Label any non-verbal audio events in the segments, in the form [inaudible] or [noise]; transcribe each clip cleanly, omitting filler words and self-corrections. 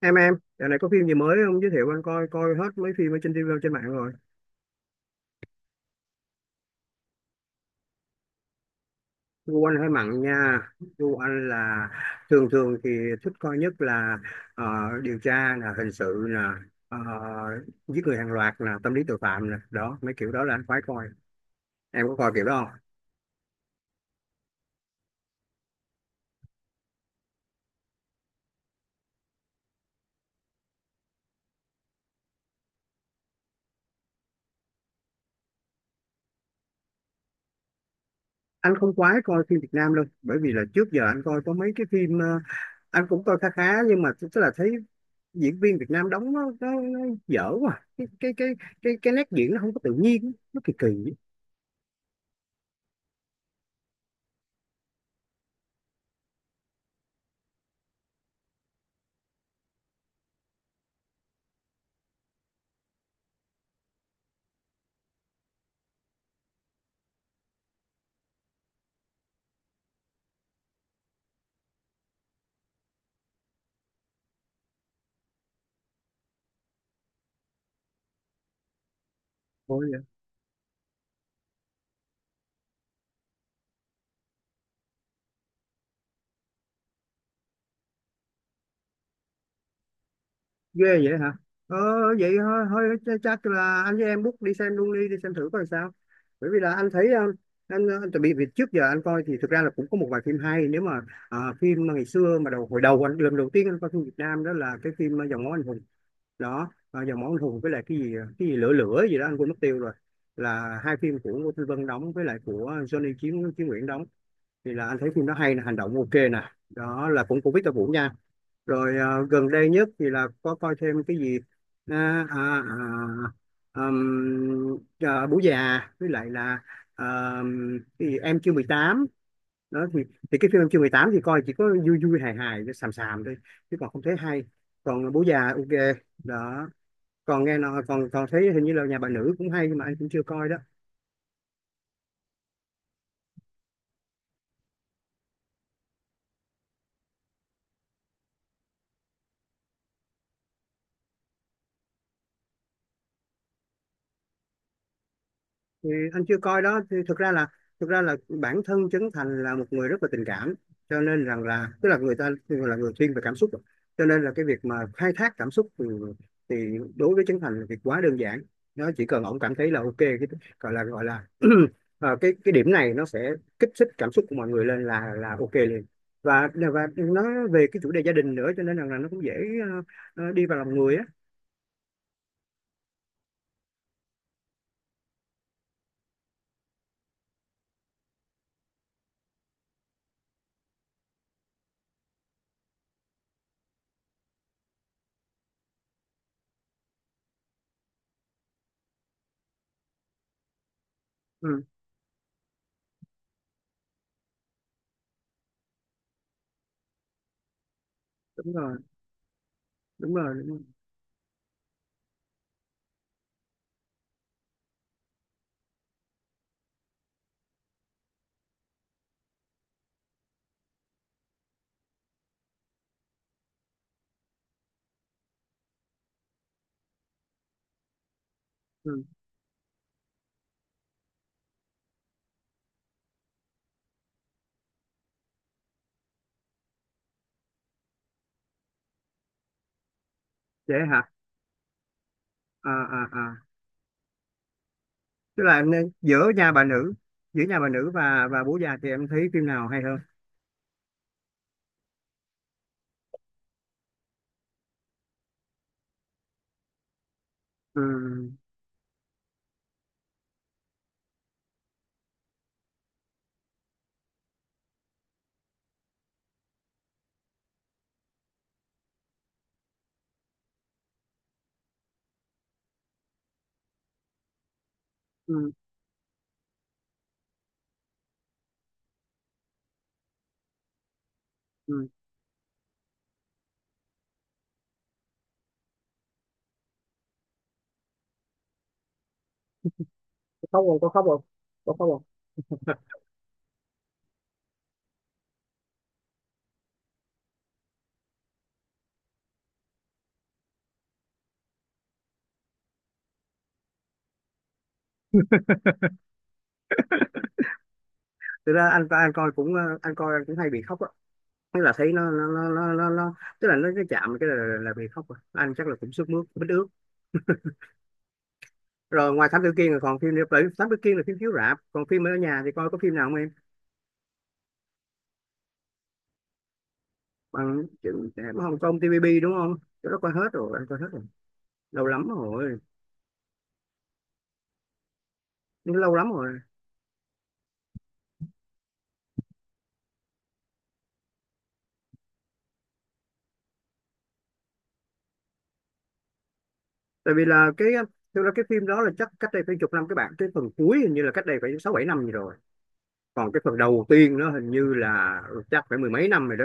Em, giờ này có phim gì mới không? Giới thiệu anh coi coi hết mấy phim ở trên TV trên mạng rồi. Gu anh hơi mặn nha. Gu anh là thường thường thì thích coi nhất là ờ, điều tra nè, hình sự nè, ờ, giết người hàng loạt nè, tâm lý tội phạm nè, đó mấy kiểu đó là anh khoái coi. Em có coi kiểu đó không? Anh không khoái coi phim Việt Nam đâu, bởi vì là trước giờ anh coi có mấy cái phim anh cũng coi khá khá nhưng mà tức là thấy diễn viên Việt Nam đóng nó dở quá. Cái nét diễn nó không có tự nhiên, nó kỳ kỳ. Ủa vậy? Ghê vậy hả? Ờ Vậy thôi, chắc là anh với em book đi xem luôn đi, đi xem thử coi sao. Bởi vì là anh thấy anh chuẩn bị việc. Trước giờ anh coi thì thực ra là cũng có một vài phim hay. Nếu mà phim mà ngày xưa mà hồi đầu anh lần đầu tiên anh coi phim Việt Nam đó là cái phim Dòng máu anh hùng. Đó, Dòng máu anh hùng với lại cái gì cái gì lửa lửa gì đó anh quên mất tiêu rồi. Là 2 phim của Ngô Thanh Vân đóng với lại của Johnny Chí Chí Nguyễn đóng thì là anh thấy phim đó hay nè, hành động ok nè. Đó là cũng của Victor Vũ nha. Rồi gần đây nhất thì là có coi thêm cái gì à, à, Bố già với lại là à, cái gì? Em chưa mười tám. Đó thì cái phim Em chưa mười tám thì coi chỉ có vui vui hài hài xàm xàm thôi, chứ còn không thấy hay. Còn Bố già ok đó. Còn nghe nói còn còn thấy hình như là Nhà bà nữ cũng hay nhưng mà anh cũng chưa coi đó thì anh chưa coi đó. Thì thực ra là bản thân Trấn Thành là một người rất là tình cảm, cho nên rằng là tức là người ta là người thiên về cảm xúc, cho nên là cái việc mà khai thác cảm xúc thì đối với Trấn Thành là việc quá đơn giản. Nó chỉ cần ổng cảm thấy là ok cái gọi là [clears throat] cái điểm này nó sẽ kích thích cảm xúc của mọi người lên là ok liền. Và nói về cái chủ đề gia đình nữa, cho nên rằng là nó cũng dễ đi vào lòng người á. Ừ, đúng rồi. Đúng rồi, đúng rồi. Ừ. Dễ hả? à à à Tức là giữa Nhà bà nữ, giữa Nhà bà nữ và Bố già thì em thấy phim nào hay hơn? Ừ, ừ, ừ. Có khóc không? Có khóc không? Có khóc không? Thực ra anh coi cũng anh coi anh cũng hay bị khóc á. Tức là thấy nó tức là nó cái chạm cái là bị khóc rồi. Anh chắc là cũng sức mướt bít ướt. Rồi ngoài Thám Tử Kiên là còn phim nữa. Bởi vì Thám Tử Kiên là phim chiếu rạp, còn phim ở nhà thì coi có phim nào không em? Bằng chữ Hồng Kông TVB đúng không? Chỗ đó coi hết rồi, anh coi hết rồi. Lâu lắm rồi. Lâu lắm rồi. Tại vì là cái, thực ra cái phim đó là chắc cách đây phải chục năm, các bạn cái phần cuối hình như là cách đây phải 6 7 năm gì rồi. Còn cái phần đầu tiên nó hình như là chắc phải mười mấy năm rồi đó.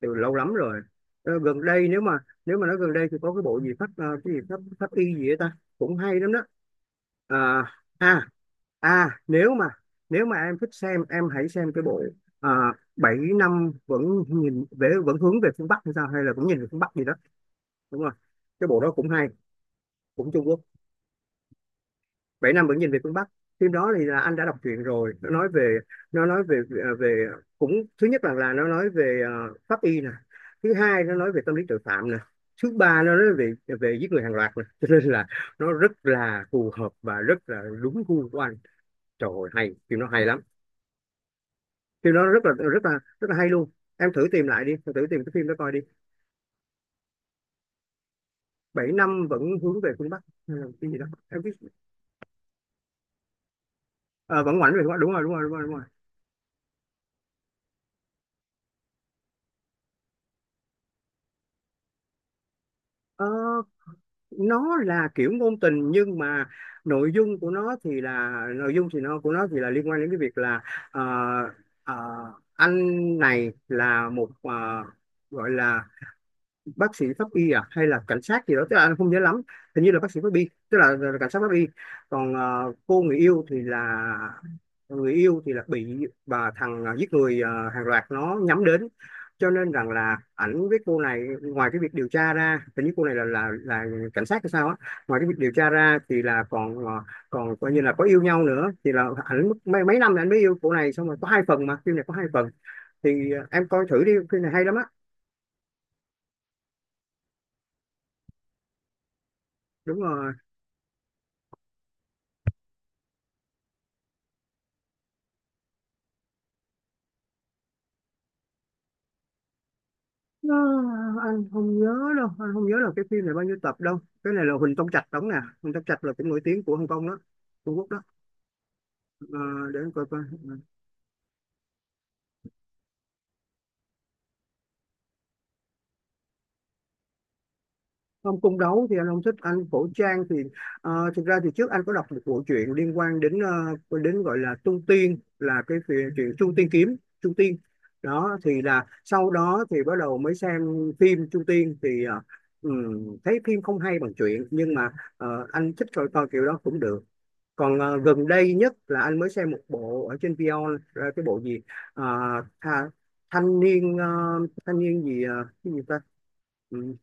Từ lâu lắm rồi. Ờ, gần đây, nếu mà nói gần đây thì có cái bộ gì pháp cái gì pháp pháp y gì ấy ta, cũng hay lắm đó. à, à Nếu mà em thích xem, em hãy xem cái bộ à, Bảy năm vẫn nhìn về vẫn hướng về phương Bắc, hay sao, hay là cũng nhìn về phương Bắc gì đó, đúng rồi, cái bộ đó cũng hay. Cũng Trung Quốc. Bảy năm vẫn nhìn về phương Bắc. Phim đó thì là anh đã đọc truyện rồi. Nó nói về, à, về, cũng thứ nhất là nó nói về pháp y nè, thứ hai nó nói về tâm lý tội phạm nè, thứ ba nó nói về về giết người hàng loạt nè, cho nên là nó rất là phù hợp và rất là đúng gu của anh. Trời ơi, hay, phim nó hay lắm. Phim nó rất là rất là rất là hay luôn. Em thử tìm lại đi, em thử tìm cái phim đó coi đi. Bảy năm vẫn hướng về phương Bắc. Hay là cái gì đó em biết. Ờ, vẫn ngoảnh về phương Bắc, đúng rồi, đúng rồi, đúng rồi, đúng rồi. Ờ, nó là kiểu ngôn tình nhưng mà nội dung của nó thì là, nội dung thì nó của nó thì là liên quan đến cái việc là ờ, ờ, anh này là một gọi là bác sĩ pháp y à hay là cảnh sát gì đó, tức là anh không nhớ lắm. Hình như là bác sĩ pháp y, tức là cảnh sát pháp y. Còn cô người yêu thì là, người yêu thì là bị bà thằng giết người hàng loạt nó nhắm đến, cho nên rằng là ảnh với cô này ngoài cái việc điều tra ra, hình như cô này là là cảnh sát hay sao á. Ngoài cái việc điều tra ra thì là còn còn coi như là có yêu nhau nữa. Thì là ảnh mất mấy mấy năm là ảnh mới yêu cô này xong. Rồi có 2 phần mà phim này có 2 phần Thì em coi thử đi, phim này hay lắm á. Đúng rồi. Nó, anh không nhớ đâu, anh không nhớ là cái phim này bao nhiêu tập đâu. Cái này là Huỳnh Tông Trạch đóng nè. Huỳnh Tông Trạch là cũng nổi tiếng của Hồng Kông đó, Trung Quốc đó. Ờ, để anh coi coi. Không, cung đấu thì anh không thích, anh cổ trang thì thực ra thì trước anh có đọc một bộ truyện liên quan đến đến, gọi là Trung Tiên là chuyện Trung Tiên kiếm, Trung Tiên. Đó thì là sau đó thì bắt đầu mới xem phim Trung Tiên thì thấy phim không hay bằng truyện nhưng mà anh thích coi coi kiểu đó cũng được. Còn gần đây nhất là anh mới xem một bộ ở trên Vion cái bộ gì. Ờ, tha, thanh niên thanh niên gì cái gì ta, ừ,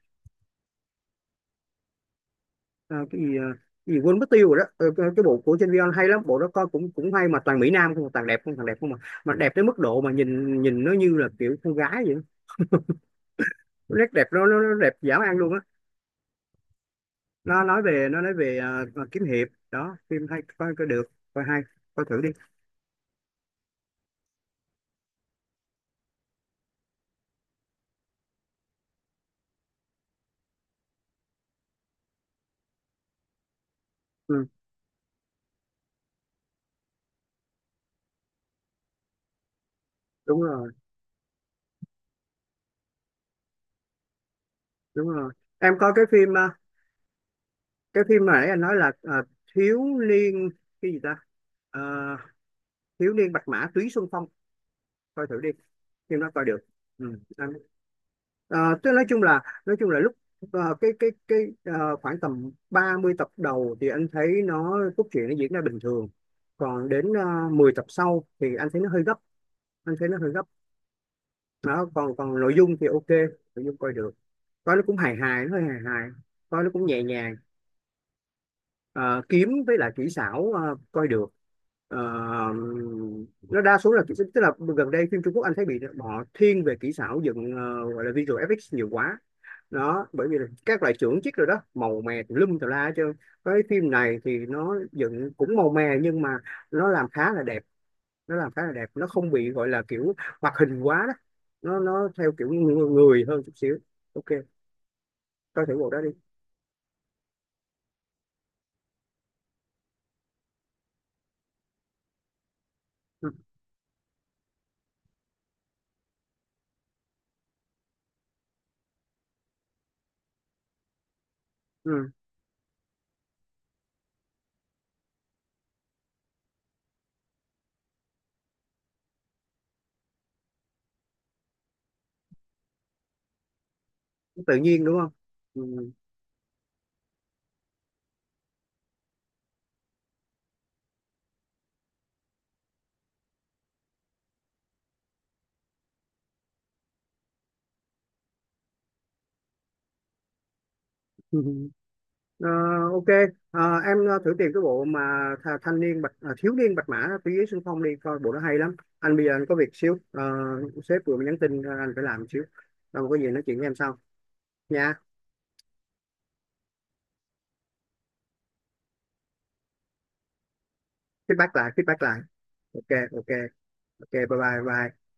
ờ, cái gì cái gì quên mất tiêu rồi đó. Ờ, cái bộ của trên Vion hay lắm. Bộ đó coi cũng cũng hay, mà toàn mỹ nam không, toàn đẹp không, toàn đẹp không, mà mà đẹp tới mức độ mà nhìn nhìn nó như là kiểu con gái vậy. Nét đẹp nó đẹp dã man luôn á. Nó nói về, kiếm hiệp đó, phim hay, coi coi được, coi hay, coi thử đi. Ừ, đúng rồi, đúng rồi. Em coi cái phim cái phim mà nãy anh nói là thiếu niên cái gì ta. Ờ, Thiếu niên bạch mã túy xuân phong, coi thử đi, phim đó coi được. ừ. anh- Ờ, tức nói chung là, nói chung là lúc khoảng tầm 30 tập đầu thì anh thấy nó cốt truyện nó diễn ra bình thường, còn đến 10 tập sau thì anh thấy nó hơi gấp, anh thấy nó hơi gấp. Đó, còn còn nội dung thì ok, nội dung coi được. Coi nó cũng hài hài, nó hơi hài hài, coi nó cũng nhẹ nhàng. Ờ, kiếm với lại kỹ xảo coi được. Ờ, nó đa số là kỹ, tức là gần đây phim Trung Quốc anh thấy bị họ thiên về kỹ xảo dựng, gọi là visual effects, nhiều quá đó. Bởi vì là các loại chưởng chiếc rồi đó, màu mè tùm lum tùm la hết trơn. Cái phim này thì nó dựng cũng màu mè nhưng mà nó làm khá là đẹp, nó làm khá là đẹp. Nó không bị gọi là kiểu hoạt hình quá đó, nó theo kiểu người hơn chút xíu, ok. Coi thử bộ đó đi. Ừ. Ừ. Tự nhiên đúng không? Ừ. [laughs] Ờ, ok. Ờ, em thử tìm cái bộ mà thanh niên bạch, Thiếu niên bạch mã tứ giới xung phong đi, coi bộ nó hay lắm. Anh bây giờ anh có việc xíu. Ờ, sếp vừa mới nhắn tin, anh phải làm xíu, rồi có gì nói chuyện với em sau nha. Feedback lại, feedback lại, ok. Ok. Ok bye bye bye.